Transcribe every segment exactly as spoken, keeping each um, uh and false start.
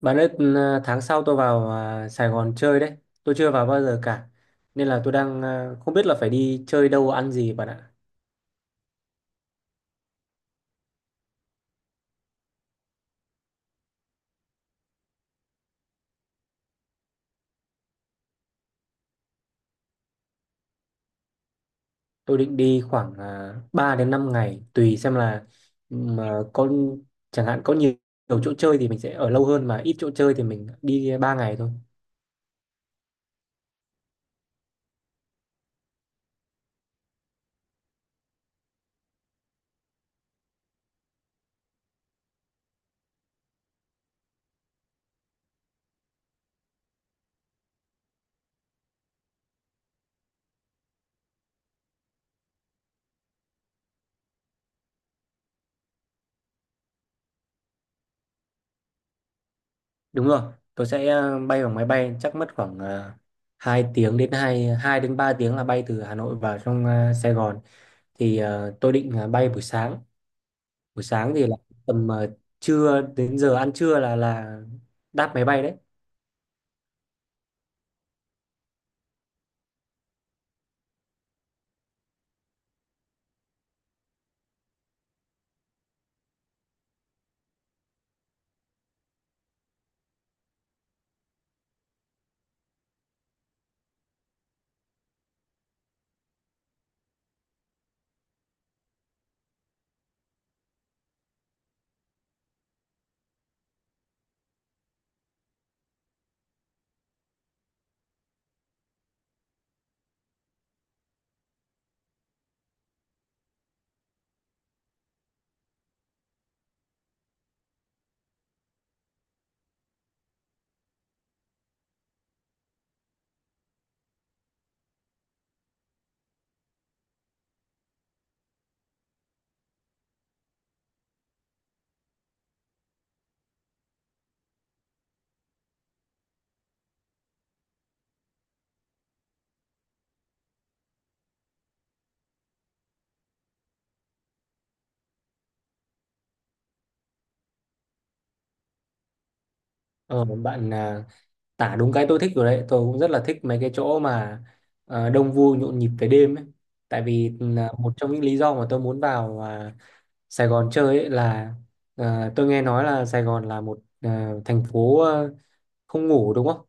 Bạn ơi, ừ, à, tháng sau tôi vào à, Sài Gòn chơi đấy. Tôi chưa vào bao giờ cả. Nên là tôi đang à, không biết là phải đi chơi đâu ăn gì bạn ạ. Tôi định đi khoảng uh, ba đến năm ngày, tùy xem là, ừ, mà có chẳng hạn có nhiều, nhiều chỗ chơi thì mình sẽ ở lâu hơn, mà ít chỗ chơi thì mình đi ba ngày thôi. Đúng rồi, tôi sẽ à, bay bằng máy bay, chắc mất khoảng uh, hai tiếng đến hai hai đến ba tiếng là bay từ Hà Nội vào trong à, Sài Gòn. Thì à, tôi định à, bay buổi sáng. Buổi sáng thì là tầm ờ, trưa, đến giờ ăn trưa là là đáp máy bay đấy. ờ, Bạn à, tả đúng cái tôi thích rồi đấy. Tôi cũng rất là thích mấy cái chỗ mà ờ, đông vui nhộn nhịp về đêm ấy, tại vì ừ, là một trong những lý do mà tôi muốn vào à, Sài Gòn chơi ấy là, ờ, tôi nghe nói là Sài Gòn là một ờ, thành phố ờ, không ngủ, đúng không?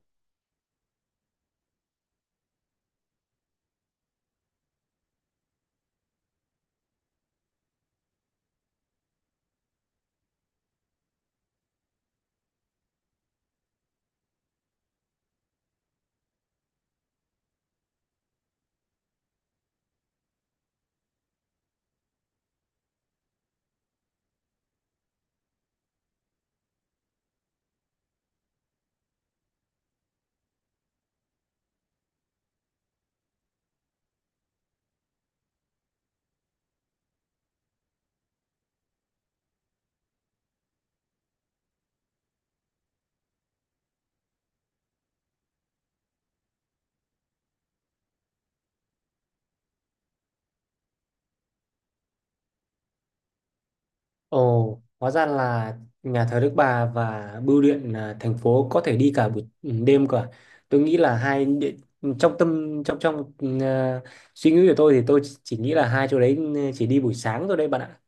Ồ, hóa ra là nhà thờ Đức Bà và bưu điện à, thành phố có thể đi cả buổi ừ, đêm cả. Tôi nghĩ là hai địa- trong tâm trong trong ừ, à, suy nghĩ của tôi, thì tôi chỉ nghĩ là hai chỗ đấy ừ, chỉ đi buổi sáng thôi đấy bạn ạ.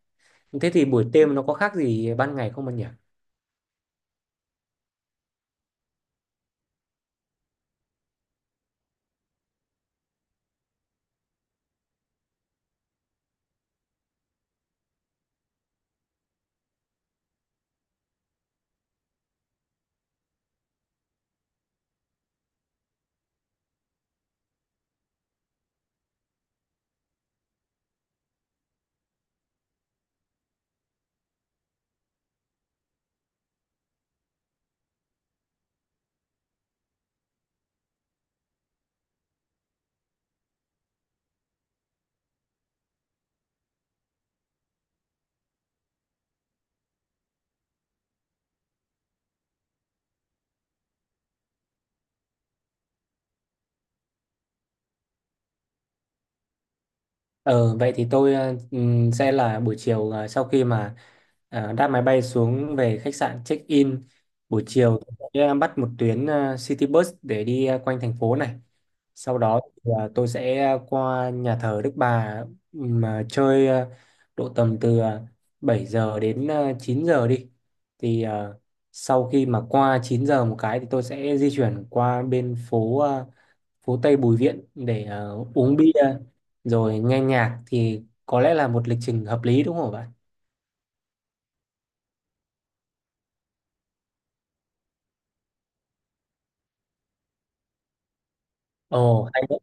Thế thì buổi đêm nó có khác gì ban ngày không bạn nhỉ? Ờ, vậy thì tôi ờ, ừm, sẽ là buổi chiều, ờ, sau khi mà ờ, đáp máy bay xuống, về khách sạn check in, buổi chiều tôi sẽ ờ, bắt một tuyến ờ, City Bus để đi ờ, quanh thành phố này. Sau đó thì ờ, tôi sẽ ờ, qua nhà thờ Đức Bà mà chơi ờ, độ tầm từ ờ, bảy giờ đến ờ, chín giờ đi. Thì ờ, sau khi mà qua chín giờ một cái, thì tôi sẽ di chuyển qua bên phố ờ, phố Tây Bùi Viện để ờ, uống bia rồi nghe nhạc, thì có lẽ là một lịch trình hợp lý, đúng không bạn? Ồ hay đấy.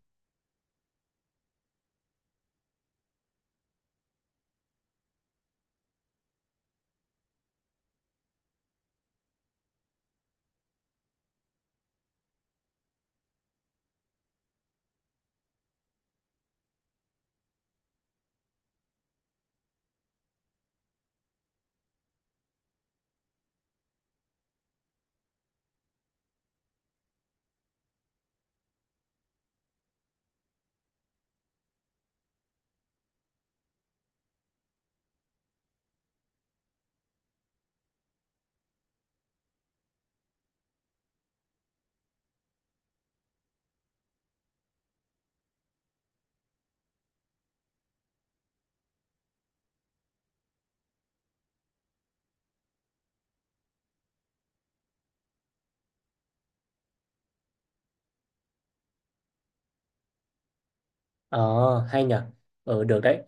Ờ Hay nhở. Ờ được đấy.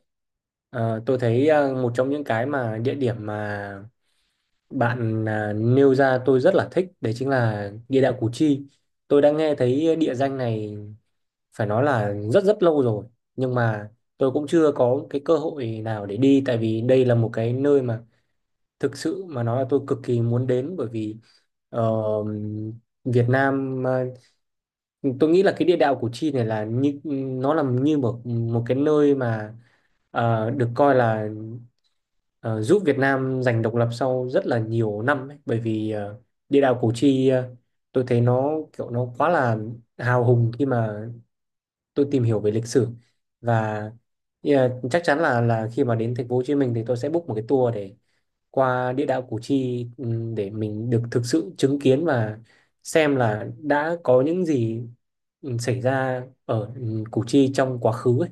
Ờ, tôi thấy ờ, một trong những cái mà địa điểm mà bạn ờ, nêu ra tôi rất là thích đấy, chính là địa đạo Củ Chi. Tôi đã nghe thấy địa danh này phải nói là rất rất lâu rồi, nhưng mà tôi cũng chưa có cái cơ hội nào để đi, tại vì đây là một cái nơi mà thực sự mà nói là tôi cực kỳ muốn đến. Bởi vì Ờ, Việt Nam, ờ, tôi nghĩ là cái địa đạo Củ Chi này là như, nó là như một một cái nơi mà ờ, được coi là ờ, giúp Việt Nam giành độc lập sau rất là nhiều năm ấy. Bởi vì ờ, địa đạo Củ Chi, ờ, tôi thấy nó kiểu nó quá là hào hùng khi mà tôi tìm hiểu về lịch sử. Và yeah, chắc chắn là là khi mà đến thành phố Hồ Chí Minh thì tôi sẽ book một cái tour để qua địa đạo Củ Chi, ừm, để mình được thực sự chứng kiến và xem là đã có những gì ừm, xảy ra ở ừm, Củ Chi trong quá khứ ấy.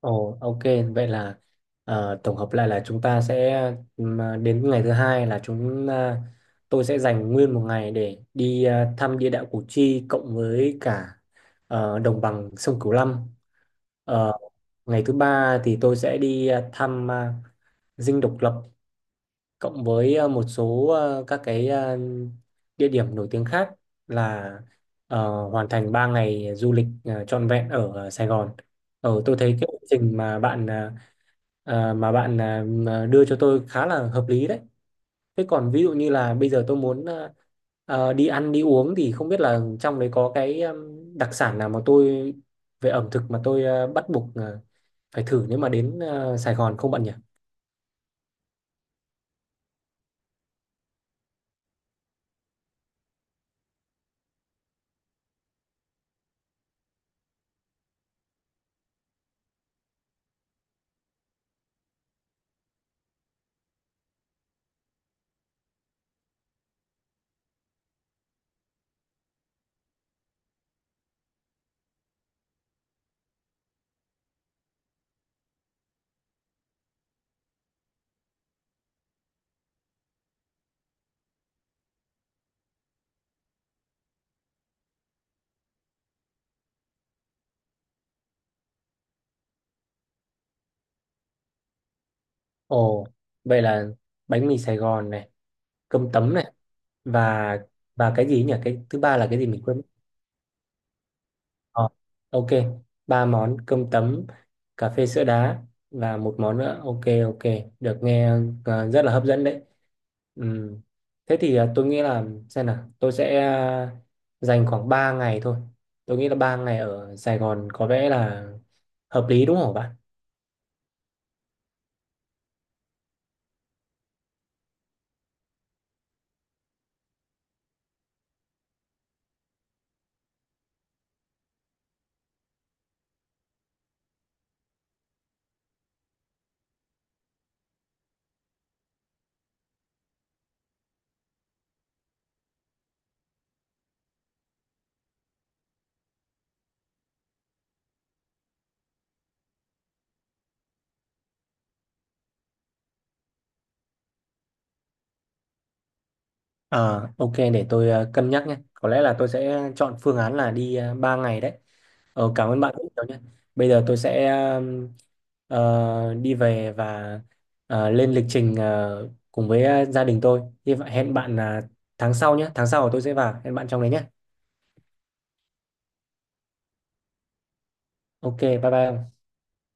Ồ, ok, vậy là ờ, tổng hợp lại là chúng ta sẽ, ừm, à, đến ngày thứ hai là chúng à, tôi sẽ dành nguyên một ngày để đi à, thăm địa đạo Củ Chi, cộng với cả ờ, đồng bằng sông Cửu Long. Ờ, Ngày thứ ba thì tôi sẽ đi à, thăm à, Dinh Độc Lập, cộng với ờ, một số ờ, các cái ờ, địa điểm nổi tiếng khác, là ờ, hoàn thành ba ngày du lịch ờ, trọn vẹn ở ờ, Sài Gòn. Ở tôi thấy cái lộ trình mà bạn ờ, ờ, mà bạn ờ, mà đưa cho tôi khá là hợp lý đấy. Thế còn ví dụ như là bây giờ tôi muốn ờ, ờ, đi ăn đi uống, thì không biết là trong đấy có cái ừm, đặc sản nào mà tôi, về ẩm thực mà tôi ờ, bắt buộc ờ, phải thử nếu mà đến ờ, Sài Gòn không bạn nhỉ? Ồ, vậy là bánh mì Sài Gòn này, cơm tấm này, và và cái gì nhỉ, cái thứ ba là cái gì mình quên mất. Ờ, ok, ba món cơm tấm, cà phê sữa đá, và một món nữa. Ok, ok, được, nghe ờ, rất là hấp dẫn đấy. Ừm, Thế thì ờ, tôi nghĩ là, xem nào, tôi sẽ ờ, dành khoảng ba ngày thôi. Tôi nghĩ là ba ngày ở Sài Gòn có vẻ là hợp lý, đúng không bạn? À, ok, để tôi ờ, cân nhắc nhé. Có lẽ là tôi sẽ chọn phương án là đi uh, ba ngày đấy. Ờ, cảm ơn bạn rất nhiều nhé. Bây giờ tôi sẽ ờm, ờ, đi về và ờ, lên lịch trình ờ, cùng với ờ, gia đình tôi. Hy vọng hẹn bạn là tháng sau nhé. Tháng sau tôi sẽ vào. Hẹn bạn trong đấy nhé. Ok, bye bye.